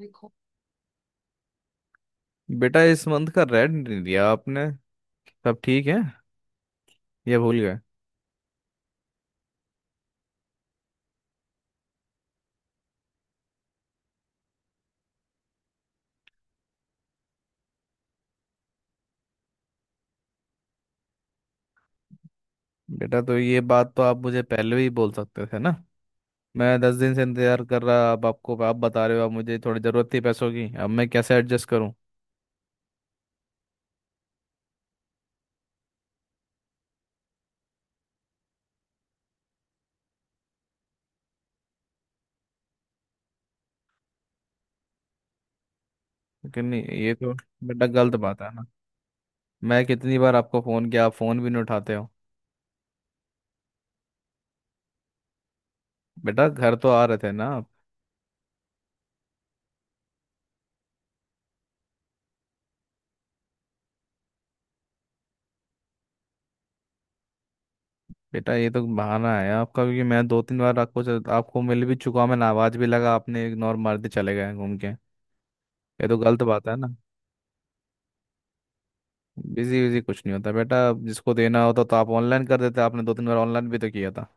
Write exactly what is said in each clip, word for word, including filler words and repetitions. देखो बेटा, इस मंथ का रेंट नहीं दिया आपने। सब ठीक है? ये भूल गए? बेटा, तो ये बात तो आप मुझे पहले भी बोल सकते थे ना। मैं दस दिन से इंतजार कर रहा, अब आपको आप बता रहे हो। अब मुझे थोड़ी ज़रूरत थी पैसों की, अब मैं कैसे एडजस्ट करूं? लेकिन नहीं ये तो, बेटा गलत बात है ना। मैं कितनी बार आपको फ़ोन किया, आप फ़ोन भी नहीं उठाते हो। बेटा, घर तो आ रहे थे ना आप? बेटा, ये तो बहाना है आपका, क्योंकि मैं दो तीन बार आपको आपको मिल भी चुका हूं, मैंने आवाज़ भी लगा, आपने इग्नोर मार के चले गए घूम के। ये तो गलत बात है ना। बिजी बिजी कुछ नहीं होता बेटा। जिसको देना होता तो आप ऑनलाइन कर देते, आपने दो तीन बार ऑनलाइन भी तो किया था।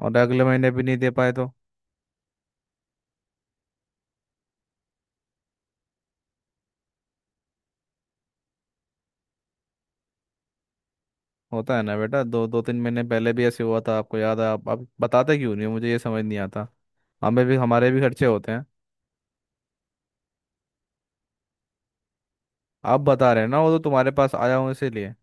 और अगले महीने भी नहीं दे पाए तो? होता है ना बेटा, दो दो तीन महीने पहले भी ऐसे हुआ था, आपको याद है? आप, आप बताते क्यों नहीं हो? मुझे ये समझ नहीं आता। हमें भी, हमारे भी खर्चे होते हैं। आप बता रहे हैं ना, वो तो तुम्हारे पास आया हूँ इसीलिए।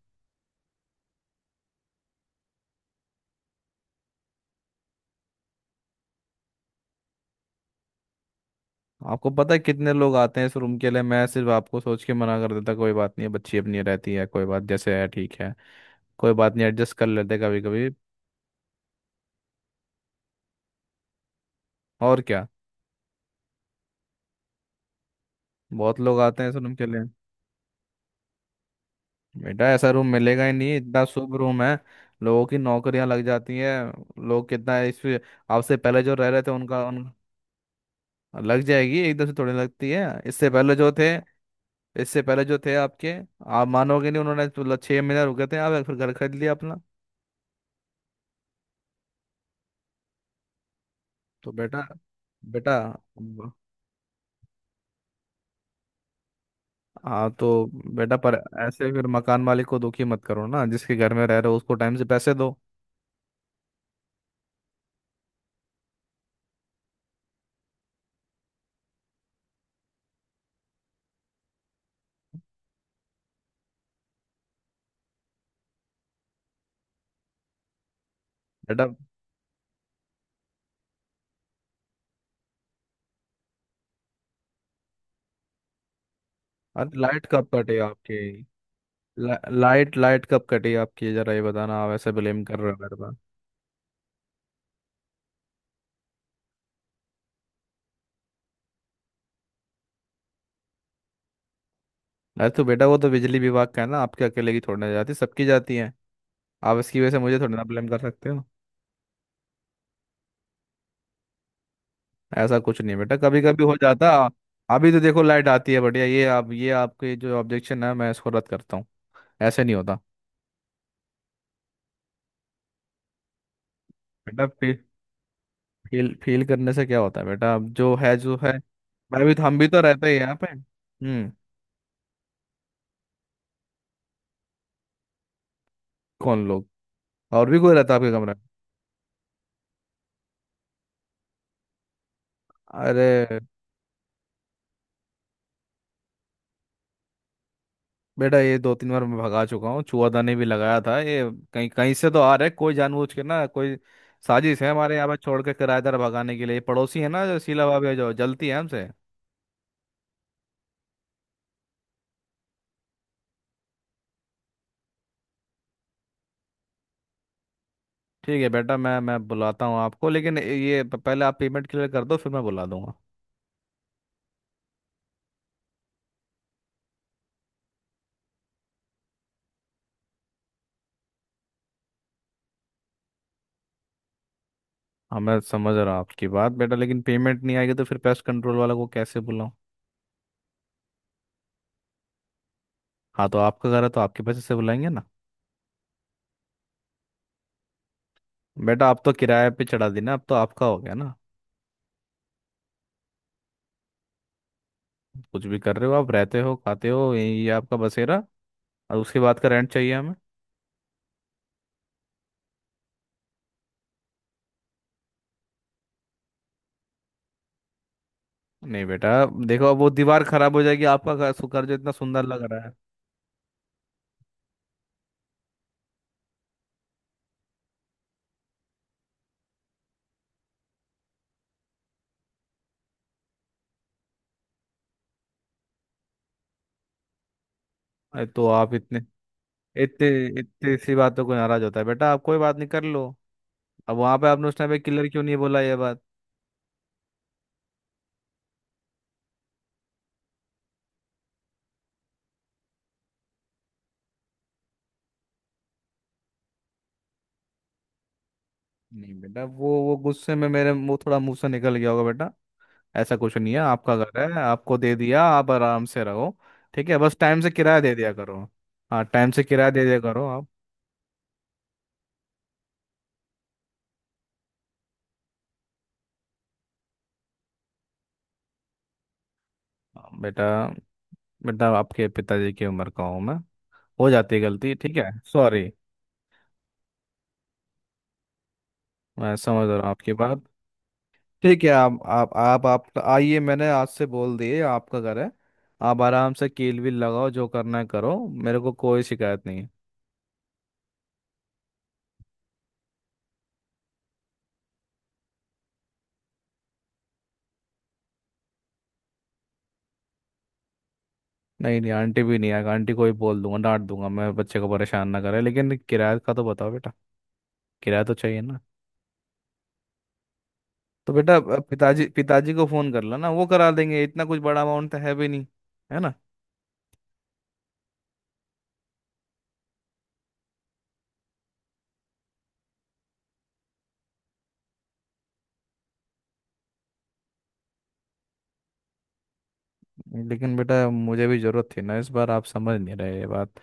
आपको पता है कितने लोग आते हैं इस रूम के लिए? मैं सिर्फ आपको सोच के मना कर देता, कोई बात नहीं है, बच्ची अपनी रहती है, कोई बात जैसे है, ठीक है। कोई बात नहीं, एडजस्ट कर लेते कभी कभी। और क्या, बहुत लोग आते हैं इस रूम के लिए। बेटा, ऐसा रूम मिलेगा ही नहीं, इतना शुभ रूम है। लोगों की नौकरियां लग जाती हैं, लोग कितना इस, आपसे पहले जो रह रहे थे उनका उन, लग जाएगी एकदम से, थोड़ी लगती है, इससे पहले जो थे, इससे पहले जो थे आपके, आप मानोगे नहीं, उन्होंने तो मतलब छह महीने रुके थे, आप फिर घर खरीद लिया अपना। तो बेटा, बेटा अब- हाँ तो बेटा, पर ऐसे फिर मकान मालिक को दुखी मत करो ना, जिसके घर में रह रहे हो उसको टाइम से पैसे दो। बेटा, अरे लाइट कब कटे आपके? ला, लाइट लाइट कब कटी आपकी? जरा ये बताना, आप ऐसे ब्लेम कर रहे हो मेरे पर। अरे तो बेटा, वो तो बिजली विभाग का है ना, आपके अकेले की थोड़ी ना जाती, सबकी जाती है। आप इसकी वजह से मुझे थोड़ी ना ब्लेम कर सकते हो। ऐसा कुछ नहीं बेटा, कभी कभी हो जाता। अभी तो देखो लाइट आती है बढ़िया, ये आप, ये आपके जो ऑब्जेक्शन है मैं इसको रद्द करता हूँ। ऐसे नहीं होता। बेटा फील, फील फील करने से क्या होता है बेटा? अब जो है जो है। मैं भी, हम भी तो रहते हैं यहाँ पे। हम्म। कौन लोग, और भी कोई रहता है आपके कमरे में? अरे बेटा, ये दो तीन बार मैं भगा चुका हूँ, चूआदानी भी लगाया था, ये कहीं कहीं से तो आ रहा है, कोई जानबूझ के ना। कोई साजिश है, हमारे यहाँ पे छोड़ के किराएदार भगाने के लिए, पड़ोसी है ना, जो शीला भाभी है, जो जलती है हमसे। ठीक है बेटा, मैं मैं बुलाता हूँ आपको, लेकिन ये प- पहले आप पेमेंट क्लियर कर दो, फिर मैं बुला दूंगा। हाँ, मैं समझ रहा हूँ आपकी बात बेटा, लेकिन पेमेंट नहीं आएगी तो फिर पेस्ट कंट्रोल वाला को कैसे बुलाऊँ? हाँ तो आपका घर है, तो आपके पैसे से बुलाएंगे ना। बेटा, आप तो किराए पे चढ़ा देना, अब तो आपका हो गया ना। कुछ भी कर रहे हो, आप रहते हो, खाते हो, यही आपका बसेरा। और उसके बाद का रेंट चाहिए हमें। नहीं बेटा देखो, अब वो दीवार खराब हो जाएगी, आपका घर सु- घर जो इतना सुंदर लग रहा है। अरे तो आप इतने, इतने इतनी सी बातों को नाराज होता है बेटा? आप कोई बात नहीं, कर लो। अब वहां पे आपने उस टाइम पे किलर क्यों नहीं बोला ये बात? नहीं बेटा, वो वो गुस्से में मेरे मुंह, थोड़ा मुंह से निकल गया होगा बेटा। ऐसा कुछ नहीं है, आपका घर है, आपको दे दिया, आप आराम से रहो। ठीक है, बस टाइम से किराया दे दिया करो। हाँ, टाइम से किराया दे दिया करो आप। हाँ बेटा, बेटा आपके पिताजी की उम्र का हूँ मैं, हो जाती है गलती। ठीक है, सॉरी। मैं समझ रहा हूँ आपकी बात। ठीक है, आप आप आप आप आइए, मैंने आज से बोल दिए आपका घर है। आप आराम से कील वील लगाओ, जो करना है करो, मेरे को कोई शिकायत नहीं है। नहीं नहीं, आंटी भी नहीं आएगा, आंटी को ही बोल दूंगा, डांट दूंगा मैं, बच्चे को परेशान ना करे, लेकिन किराया का तो बताओ बेटा। किराया तो चाहिए ना। तो बेटा अ, पिताजी पिताजी को फोन कर लो ना, वो करा देंगे, इतना कुछ बड़ा अमाउंट तो है भी नहीं, है ना? लेकिन बेटा, मुझे भी जरूरत थी ना इस बार, आप समझ नहीं रहे ये बात।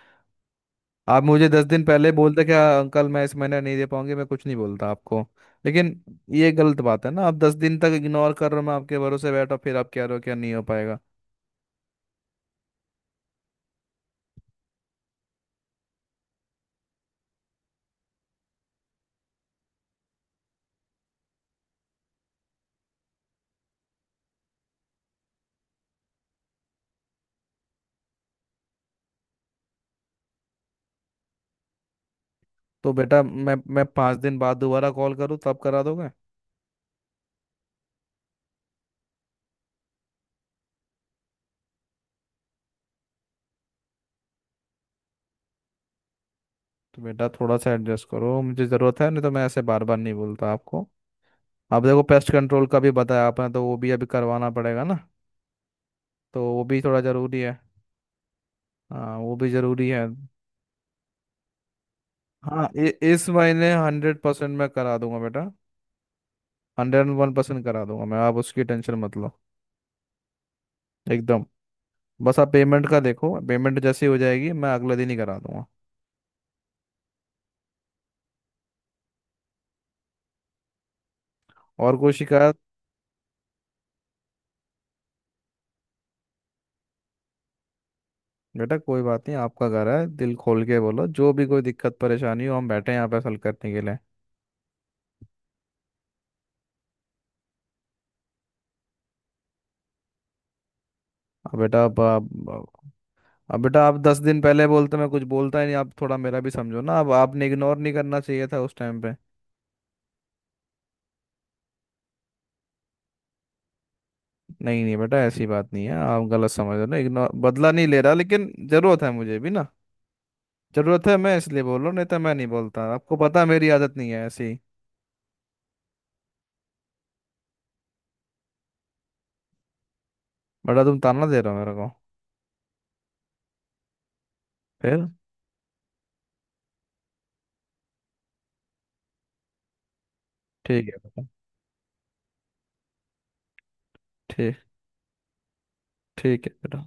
आप मुझे दस दिन पहले बोलते, क्या अंकल मैं इस महीने नहीं दे पाऊंगी, मैं कुछ नहीं बोलता आपको। लेकिन ये गलत बात है ना, आप दस दिन तक इग्नोर कर रहे हो, मैं आपके भरोसे बैठा, फिर आप कह रहे हो क्या नहीं हो पाएगा। तो बेटा, मैं मैं पाँच दिन बाद दोबारा कॉल करूँ, तब करा दोगे? तो बेटा थोड़ा सा एडजस्ट करो, मुझे ज़रूरत है, नहीं तो मैं ऐसे बार बार नहीं बोलता आपको। आप देखो, पेस्ट कंट्रोल का भी बताया आपने, तो वो भी अभी करवाना पड़ेगा ना, तो वो भी थोड़ा ज़रूरी है। हाँ, वो भी ज़रूरी है। हाँ, इ- इस महीने हंड्रेड परसेंट मैं करा दूंगा बेटा, हंड्रेड वन परसेंट करा दूंगा मैं, आप उसकी टेंशन मत लो, एकदम। बस आप पेमेंट का देखो, पेमेंट जैसे ही हो जाएगी मैं अगले दिन ही करा दूंगा। और कोई शिकायत? बेटा कोई बात नहीं, आपका घर है, दिल खोल के बोलो, जो भी कोई दिक्कत परेशानी हो, हम बैठे हैं यहाँ पे हल करने के लिए। अब बेटा अब अब अब बेटा, आप दस दिन पहले बोलते, मैं कुछ बोलता ही नहीं, आप थोड़ा मेरा भी समझो ना। अब आपने इग्नोर नहीं करना चाहिए था उस टाइम पे। नहीं नहीं बेटा, ऐसी बात नहीं है, आप गलत समझ रहे हो ना, इग्नोर बदला नहीं ले रहा, लेकिन जरूरत है मुझे भी ना। जरूरत है, मैं इसलिए बोल रहा हूँ, नहीं तो मैं नहीं बोलता, आपको पता है मेरी आदत नहीं है ऐसी। बड़ा तुम ताना दे रहे हो मेरे को। फिर? ठीक है बेटा। ठीक, ठीक है बेटा।